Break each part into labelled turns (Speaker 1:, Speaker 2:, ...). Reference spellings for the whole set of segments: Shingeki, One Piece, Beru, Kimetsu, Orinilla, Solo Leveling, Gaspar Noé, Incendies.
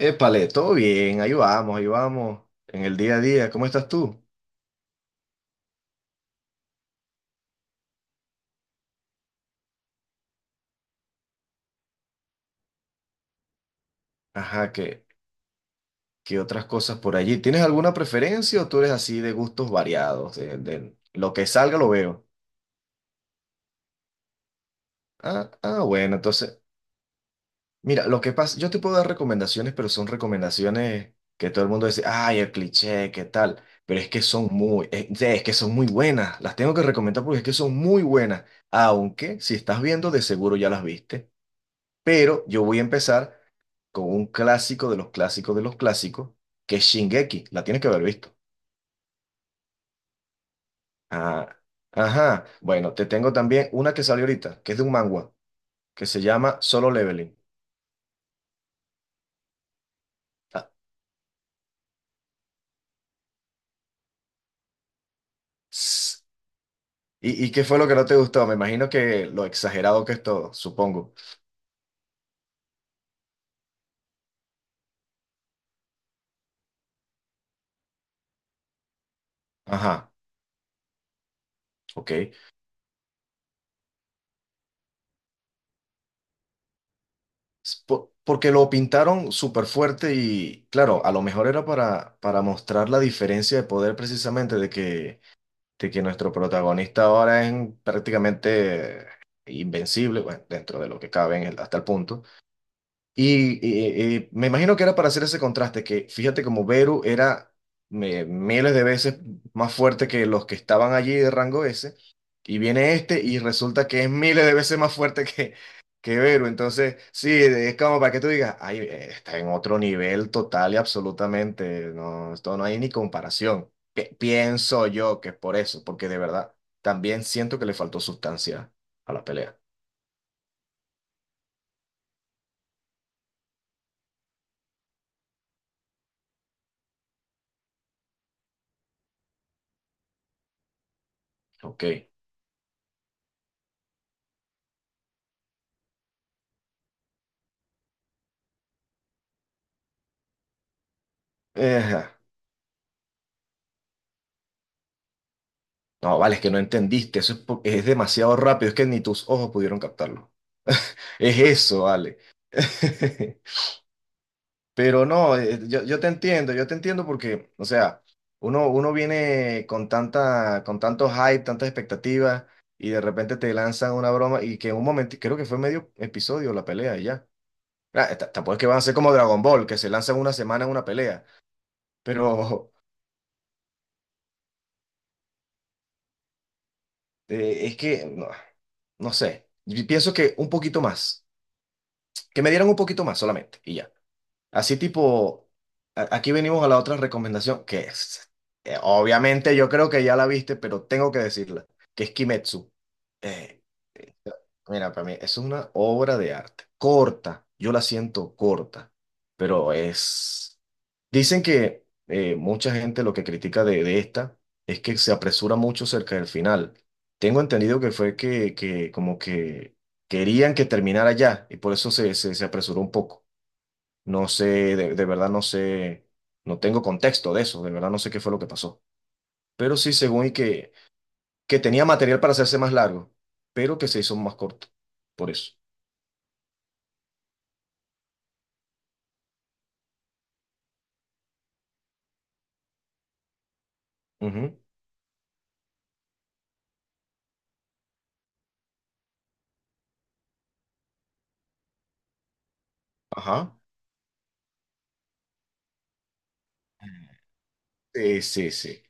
Speaker 1: Épale, todo bien, ahí vamos, en el día a día, ¿cómo estás tú? Ajá, ¿qué otras cosas por allí? ¿Tienes alguna preferencia o tú eres así de gustos variados? De lo que salga lo veo. Bueno, entonces, mira, lo que pasa, yo te puedo dar recomendaciones, pero son recomendaciones que todo el mundo dice, ay, el cliché, ¿qué tal? Pero es que son muy buenas, las tengo que recomendar porque es que son muy buenas, aunque si estás viendo, de seguro ya las viste, pero yo voy a empezar con un clásico de los clásicos, que es Shingeki. La tienes que haber visto. Ah, ajá. Bueno, te tengo también una que salió ahorita, que es de un manga, que se llama Solo Leveling. Ah, s- ¿y qué fue lo que no te gustó? Me imagino que lo exagerado que es todo, supongo. Ajá, ok. Porque lo pintaron súper fuerte y, claro, a lo mejor era para mostrar la diferencia de poder precisamente de que nuestro protagonista ahora es prácticamente invencible, bueno, dentro de lo que cabe hasta el punto. Y, me imagino que era para hacer ese contraste, que fíjate como Beru era miles de veces más fuerte que los que estaban allí de rango S, y viene este y resulta que es miles de veces más fuerte que Beru. Entonces, sí, es como para que tú digas, ay, está en otro nivel total y absolutamente, no, esto no hay ni comparación. Pienso yo que es por eso, porque de verdad también siento que le faltó sustancia a la pelea. Ok. Ejá. No, vale, es que no entendiste, eso es, es demasiado rápido, es que ni tus ojos pudieron captarlo. Es eso, vale. Pero no, yo te entiendo porque, o sea, uno viene con tanta, con tanto hype, tantas expectativas, y de repente te lanzan una broma y que en un momento, creo que fue medio episodio la pelea y ya. Ah, tampoco es que van a ser como Dragon Ball, que se lanzan una semana en una pelea, pero es que, no, no sé, yo pienso que un poquito más. Que me dieran un poquito más solamente y ya. Así tipo, aquí venimos a la otra recomendación, que es, obviamente yo creo que ya la viste, pero tengo que decirla, que es Kimetsu. Eh, eh, Mira, para mí es una obra de arte, corta, yo la siento corta, pero es... Dicen que mucha gente lo que critica de esta es que se apresura mucho cerca del final. Tengo entendido que fue que como que querían que terminara ya y por eso se apresuró un poco. No sé, de verdad no sé, no tengo contexto de eso, de verdad no sé qué fue lo que pasó. Pero sí, según y que tenía material para hacerse más largo, pero que se hizo más corto, por eso. Ujú. Ajá. Sí, sí, sí.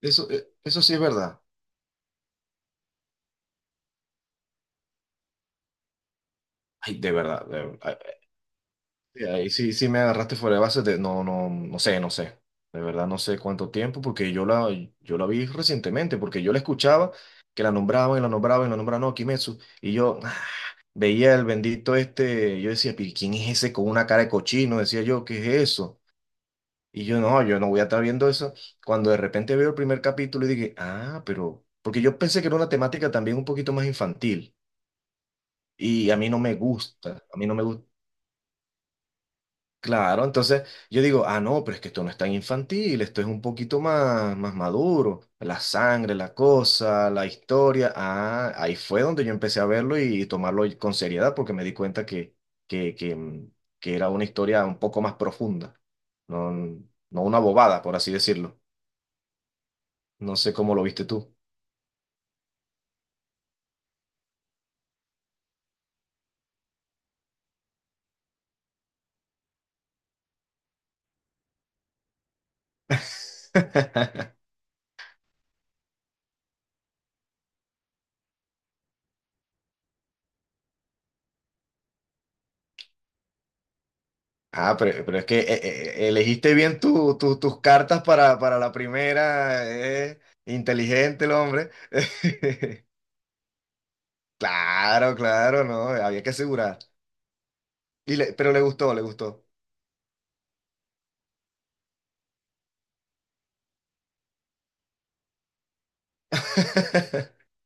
Speaker 1: Eso, eso sí es verdad. Ay, de verdad. Ay, sí, ahí sí, sí me agarraste fuera de base de, no, no, no sé, no sé. De verdad no sé cuánto tiempo, porque yo la vi recientemente, porque yo la escuchaba, que la nombraban y la nombraban y la nombraban, no, Kimetsu. Y yo, veía el bendito este, yo decía, pero ¿quién es ese con una cara de cochino? Decía yo, ¿qué es eso? Y yo no voy a estar viendo eso. Cuando de repente veo el primer capítulo y dije, ah, pero, porque yo pensé que era una temática también un poquito más infantil y a mí no me gusta, a mí no me gusta. Claro, entonces yo digo, ah, no, pero es que esto no es tan infantil, esto es un poquito más, más maduro, la sangre, la cosa, la historia, ah, ahí fue donde yo empecé a verlo y tomarlo con seriedad porque me di cuenta que, que, mm, que era una historia un poco más profunda, no, no una bobada, por así decirlo. No sé cómo lo viste tú. Ah, pero es que elegiste bien tus cartas para la primera, inteligente el hombre. Claro, claro, no, había que asegurar. Pero le gustó, le gustó.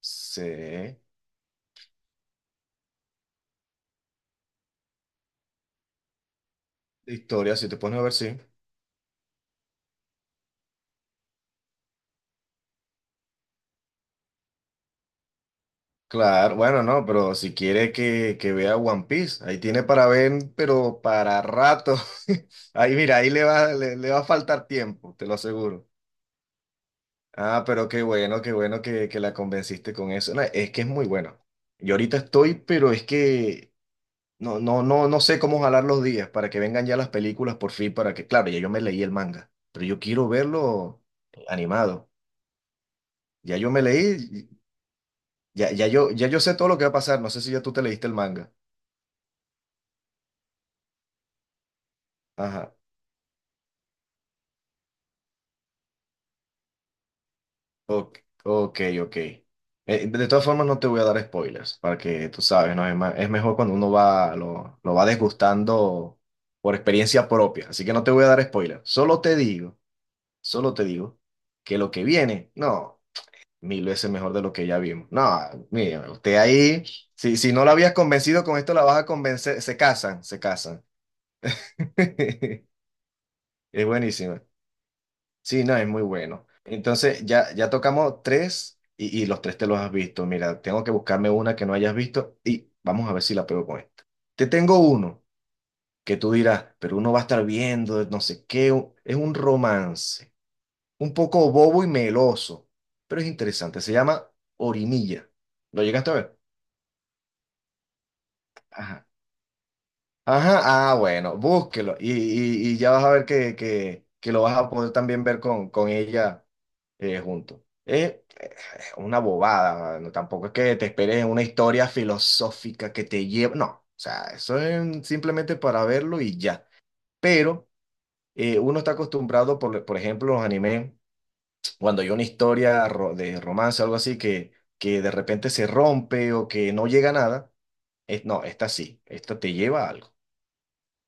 Speaker 1: Sí, de historia, si te pones a ver, sí. Claro, bueno, no, pero si quiere que vea One Piece, ahí tiene para ver, pero para rato. Ahí mira, ahí le va, le va a faltar tiempo, te lo aseguro. Ah, pero qué bueno que la convenciste con eso. No, es que es muy bueno. Yo ahorita estoy, pero es que no, no, no, no sé cómo jalar los días para que vengan ya las películas por fin, para que, claro, ya yo me leí el manga, pero yo quiero verlo animado. Ya yo me leí, ya, ya yo, Ya yo sé todo lo que va a pasar. No sé si ya tú te leíste el manga. Ajá. Ok, ok, ok. De todas formas, no te voy a dar spoilers, para que tú sabes, ¿no? Es mejor cuando uno va, lo va desgustando por experiencia propia. Así que no te voy a dar spoilers. Solo te digo que lo que viene, no, mil veces mejor de lo que ya vimos. No, mira, usted ahí, si no la habías convencido con esto, la vas a convencer, se casan, se casan. Es buenísima. Sí, no, es muy bueno. Entonces, ya, ya tocamos tres y los tres te los has visto. Mira, tengo que buscarme una que no hayas visto y vamos a ver si la pego con esta. Te tengo uno que tú dirás, pero uno va a estar viendo, no sé qué, es un romance, un poco bobo y meloso, pero es interesante. Se llama Orinilla. ¿Lo llegaste a ver? Ajá. Ajá, ah, bueno, búsquelo y, y ya vas a ver que lo vas a poder también ver con ella junto. Es una bobada, mano. Tampoco es que te esperes una historia filosófica que te lleve, no, o sea, eso es simplemente para verlo y ya. Pero uno está acostumbrado, por ejemplo, los animes, cuando hay una historia de romance o algo así que de repente se rompe o que no llega a nada, es, no, esta sí, esta te lleva a algo.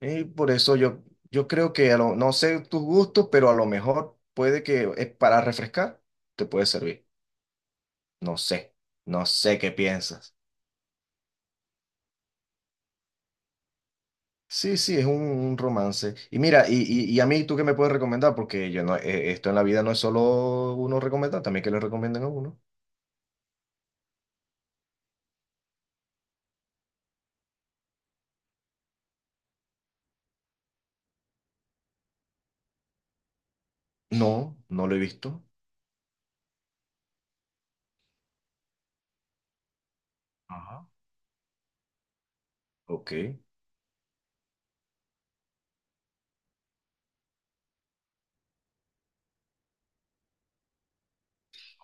Speaker 1: Y por eso yo, yo creo que no sé tus gustos, pero a lo mejor puede que es para refrescar, te puede servir. No sé, no sé qué piensas. Sí, sí, es un romance. Y mira, y a mí, ¿tú qué me puedes recomendar? Porque yo no, esto en la vida no es solo uno recomendar, también que le recomienden a uno. No, no lo he visto. Ajá. Ok,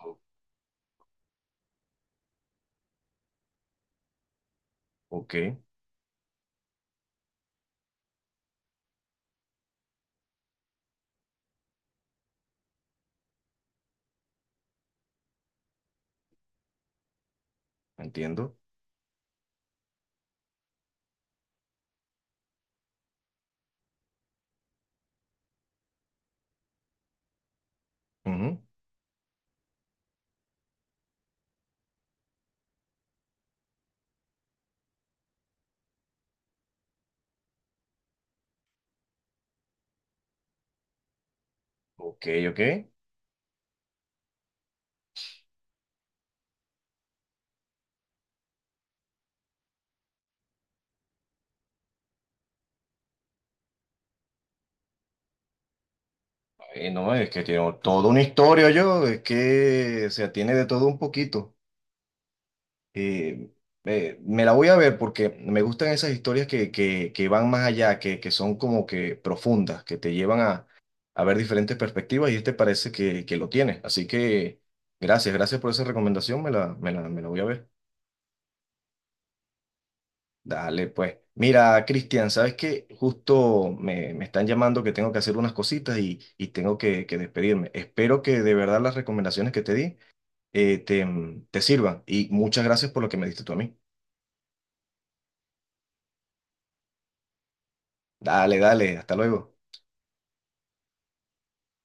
Speaker 1: o- ok, entiendo. Ujú. Ok, ok. Ay, no, es que tiene toda una historia yo, es que, o sea, tiene de todo un poquito. eh, Me la voy a ver porque me gustan esas historias que van más allá, que son como que profundas, que te llevan a ver diferentes perspectivas y este parece que lo tiene. Así que gracias, gracias por esa recomendación, me la voy a ver. Dale, pues. Mira, Cristian, sabes que justo me, me están llamando que tengo que hacer unas cositas y tengo que despedirme. Espero que de verdad las recomendaciones que te di eh, te, te sirvan y muchas gracias por lo que me diste tú a mí. Dale, dale, hasta luego.